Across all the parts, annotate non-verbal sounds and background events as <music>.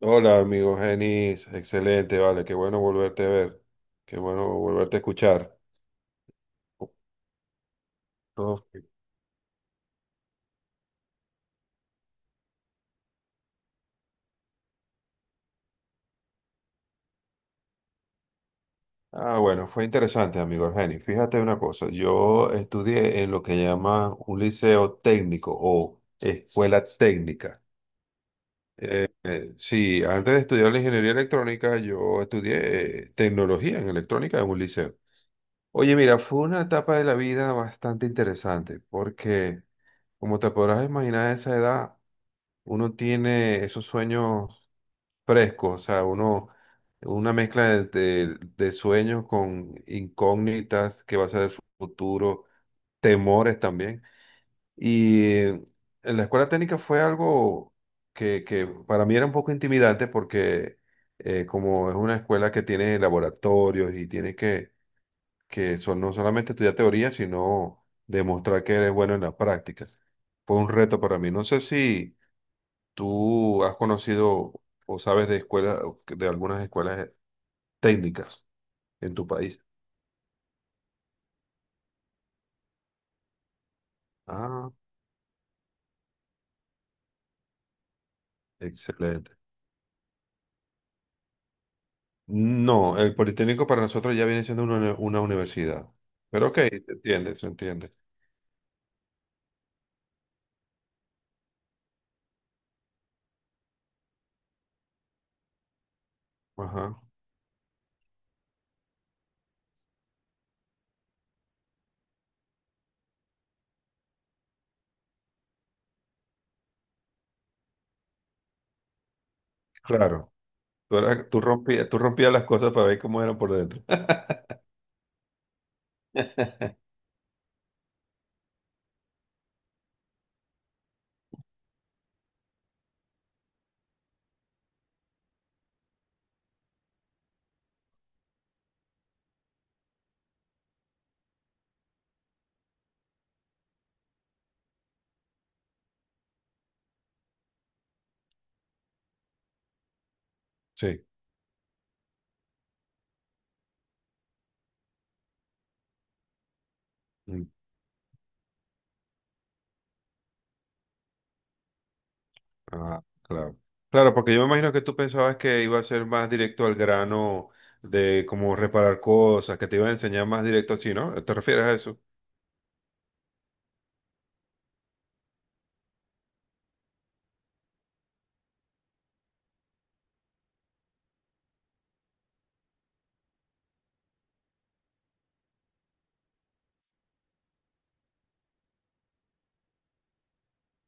Hola, amigo Genis. Excelente, vale. Qué bueno volverte a ver. Qué bueno volverte a escuchar. Todo- bueno, fue interesante, amigo Genis. Fíjate una cosa. Yo estudié en lo que llaman un liceo técnico o escuela técnica. Sí, antes de estudiar la ingeniería electrónica, yo estudié tecnología en electrónica en un liceo. Oye, mira, fue una etapa de la vida bastante interesante porque, como te podrás imaginar, a esa edad uno tiene esos sueños fresco, o sea, uno, una mezcla de sueños con incógnitas, que va a ser el futuro, temores también. Y en la escuela técnica fue algo que para mí era un poco intimidante porque como es una escuela que tiene laboratorios y tiene que son, no solamente estudiar teoría, sino demostrar que eres bueno en la práctica. Fue un reto para mí. No sé si... ¿Tú has conocido o sabes de escuelas, de algunas escuelas técnicas en tu país? Ah, excelente. No, el Politécnico para nosotros ya viene siendo una, uni- una universidad. Pero ok, se entiende, se entiende. Ajá, claro. Tú, eras- tú rompías las cosas para ver cómo eran por dentro. <laughs> Sí. Mm. Ah, claro. Claro, porque yo me imagino que tú pensabas que iba a ser más directo al grano de cómo reparar cosas, que te iba a enseñar más directo así, ¿no? ¿Te refieres a eso?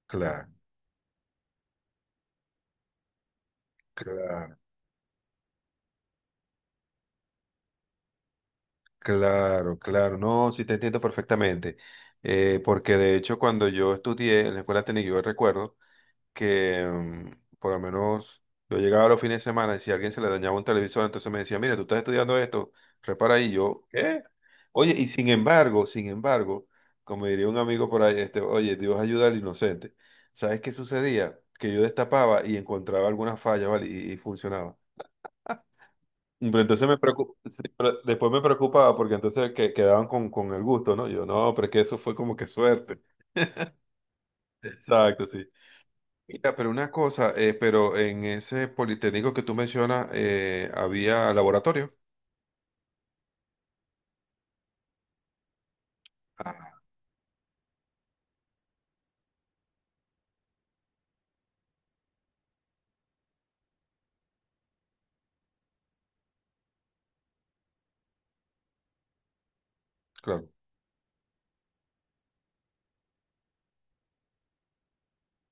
Claro. Claro, claro, claro. No, sí te entiendo perfectamente. Porque de hecho cuando yo estudié en la escuela técnica, yo recuerdo que por lo menos yo llegaba los fines de semana y si a alguien se le dañaba un televisor, entonces me decía, mira, tú estás estudiando esto, repara ahí. Y yo, ¿qué? Oye, y sin embargo, sin embargo, como diría un amigo por ahí, este, oye, Dios ayuda al inocente. ¿Sabes qué sucedía? Que yo destapaba y encontraba algunas fallas, ¿vale? Y funcionaba. Pero entonces me preocupa, después me preocupaba porque entonces que, quedaban con el gusto, ¿no? Yo, no, pero es que eso fue como que suerte. <laughs> Exacto, sí. Mira, pero una cosa, pero en ese politécnico que tú mencionas, ¿había laboratorio? Ah, claro.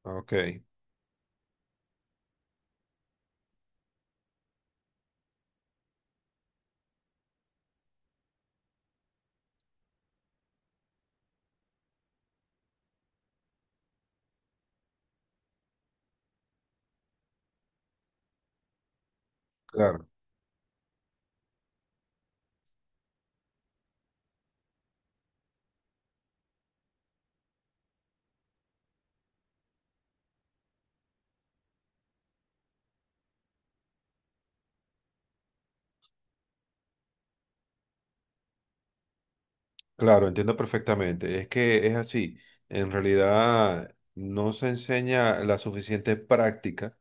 Ok, claro. Claro, entiendo perfectamente. Es que es así. En realidad no se enseña la suficiente práctica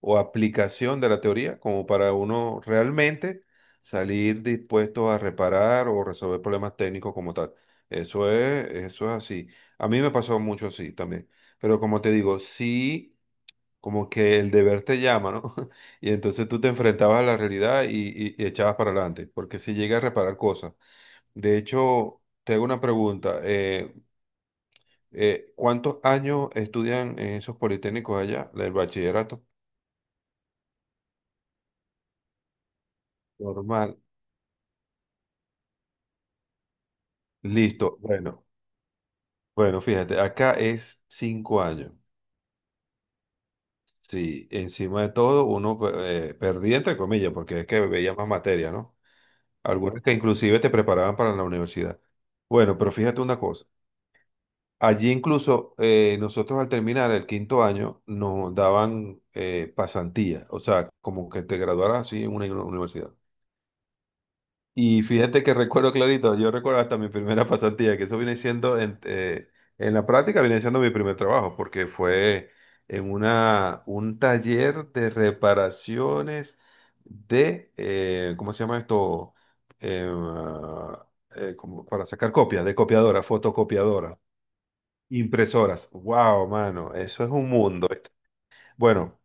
o aplicación de la teoría como para uno realmente salir dispuesto a reparar o resolver problemas técnicos como tal. Eso es así. A mí me pasó mucho así también. Pero como te digo, sí como que el deber te llama, ¿no? <laughs> Y entonces tú te enfrentabas a la realidad y, y echabas para adelante, porque si llega a reparar cosas. De hecho, te hago una pregunta. ¿Cuántos años estudian en esos politécnicos allá, el bachillerato? Normal. Listo. Bueno, bueno, fíjate, acá es 5 años. Sí, encima de todo, uno perdía, entre comillas, porque es que veía más materia, ¿no? Algunas que inclusive te preparaban para la universidad. Bueno, pero fíjate una cosa. Allí incluso nosotros al terminar el 5.º año nos daban pasantía, o sea, como que te graduaras así en una uni- universidad. Y fíjate que recuerdo clarito, yo recuerdo hasta mi primera <laughs> pasantía, que eso viene siendo, en la práctica viene siendo mi primer trabajo, porque fue en una, un taller de reparaciones de, ¿cómo se llama esto? Em, ah, Como para sacar copias, de copiadora, fotocopiadora. Impresoras. Wow, mano, eso es un mundo. Bueno,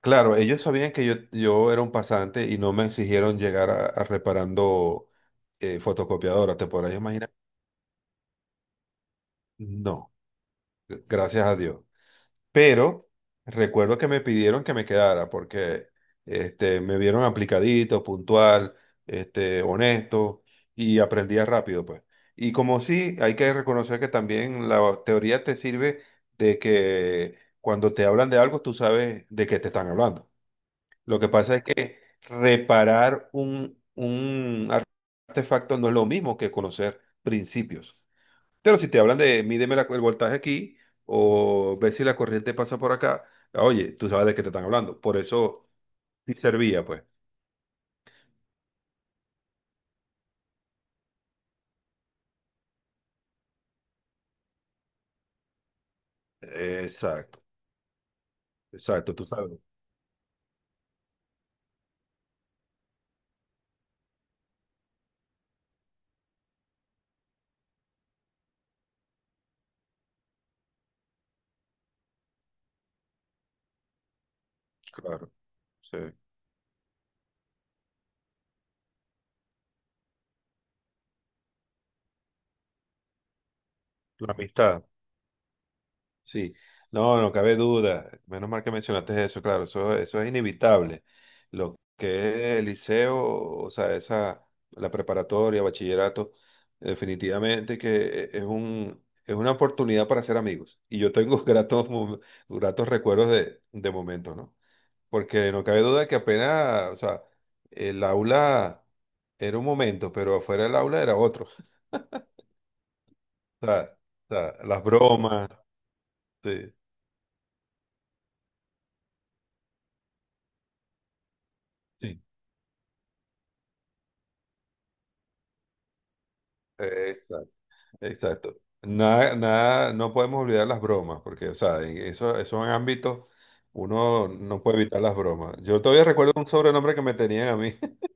claro, ellos sabían que yo era un pasante y no me exigieron llegar a reparando fotocopiadoras. ¿Te podrás imaginar? No, gracias a Dios. Pero recuerdo que me pidieron que me quedara porque este, me vieron aplicadito, puntual, este, honesto y aprendía rápido, pues. Y como sí, hay que reconocer que también la teoría te sirve de que cuando te hablan de algo, tú sabes de qué te están hablando. Lo que pasa es que reparar un artefacto no es lo mismo que conocer principios. Pero si te hablan de mídeme la- el voltaje aquí o ve si la corriente pasa por acá, ah, oye, tú sabes de qué te están hablando. Por eso sí servía, pues. Exacto, exacto, tú sabes. Claro, sí. La amistad. Sí, no, no cabe duda. Menos mal que mencionaste eso, claro, eso es inevitable. Lo que es el liceo, o sea, esa, la preparatoria, bachillerato, definitivamente que es un, es una oportunidad para hacer amigos. Y yo tengo <laughs> gratos, mom- gratos recuerdos de momentos, ¿no? Porque no cabe duda que apenas, o sea, el aula era un momento, pero afuera del aula era otro. <laughs> O sea, o sea, las bromas, sí. Sí. Exacto. Nada, nada, no podemos olvidar las bromas, porque, o sea, en eso, esos ámbitos uno no puede evitar las bromas. Yo todavía recuerdo un sobrenombre que me tenían a mí. <laughs>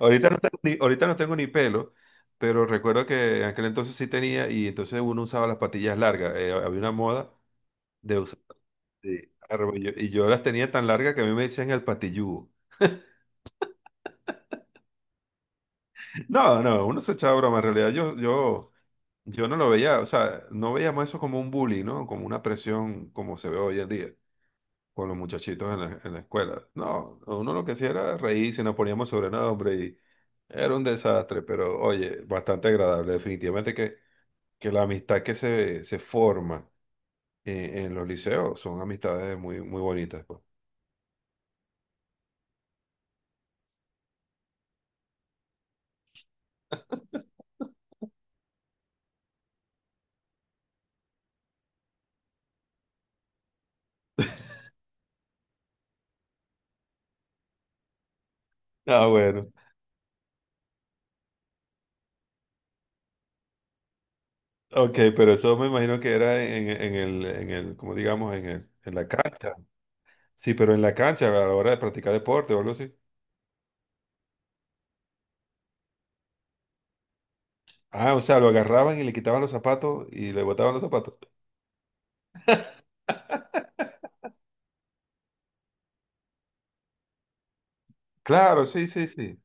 Ahorita no tengo ni, ahorita no tengo ni pelo, pero recuerdo que en aquel entonces sí tenía y entonces uno usaba las patillas largas. Había una moda de usar sí, arro- y yo las tenía tan largas que a mí me decían el patilludo. <laughs> No, no, uno se echaba broma. En realidad yo, yo... Yo no lo veía, o sea, no veíamos eso como un bullying, ¿no? Como una presión como se ve hoy en día con los muchachitos en la escuela. No, uno lo que hacía era reírse, nos poníamos sobrenombre y era un desastre, pero oye, bastante agradable. Definitivamente que la amistad que se forma en los liceos son amistades muy, muy bonitas, pues. Ah, bueno, ok, pero eso me imagino que era en el, como digamos, en el, en la cancha. Sí, pero en la cancha a la hora de practicar deporte o algo así. Ah, o sea, lo agarraban y le quitaban los zapatos y le botaban los zapatos. Claro, sí, sí, sí.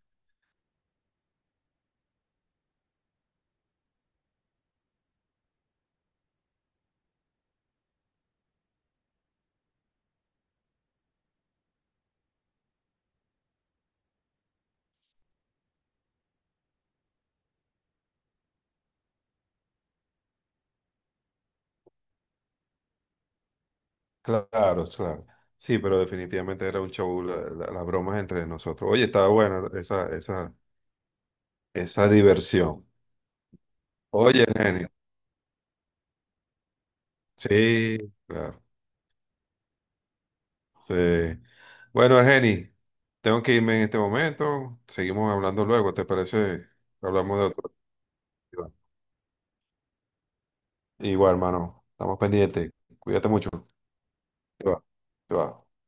Claro, claro. Sí, pero definitivamente era un show, la- la- las bromas entre nosotros. Oye, estaba buena esa, esa, esa diversión. Oye, Ergeni. Sí, claro. Sí. Bueno, Ergeni, tengo que irme en este momento. Seguimos hablando luego, ¿te parece? Hablamos de otro tema. Igual, hermano. Estamos pendientes. Cuídate mucho. Te va. Te va.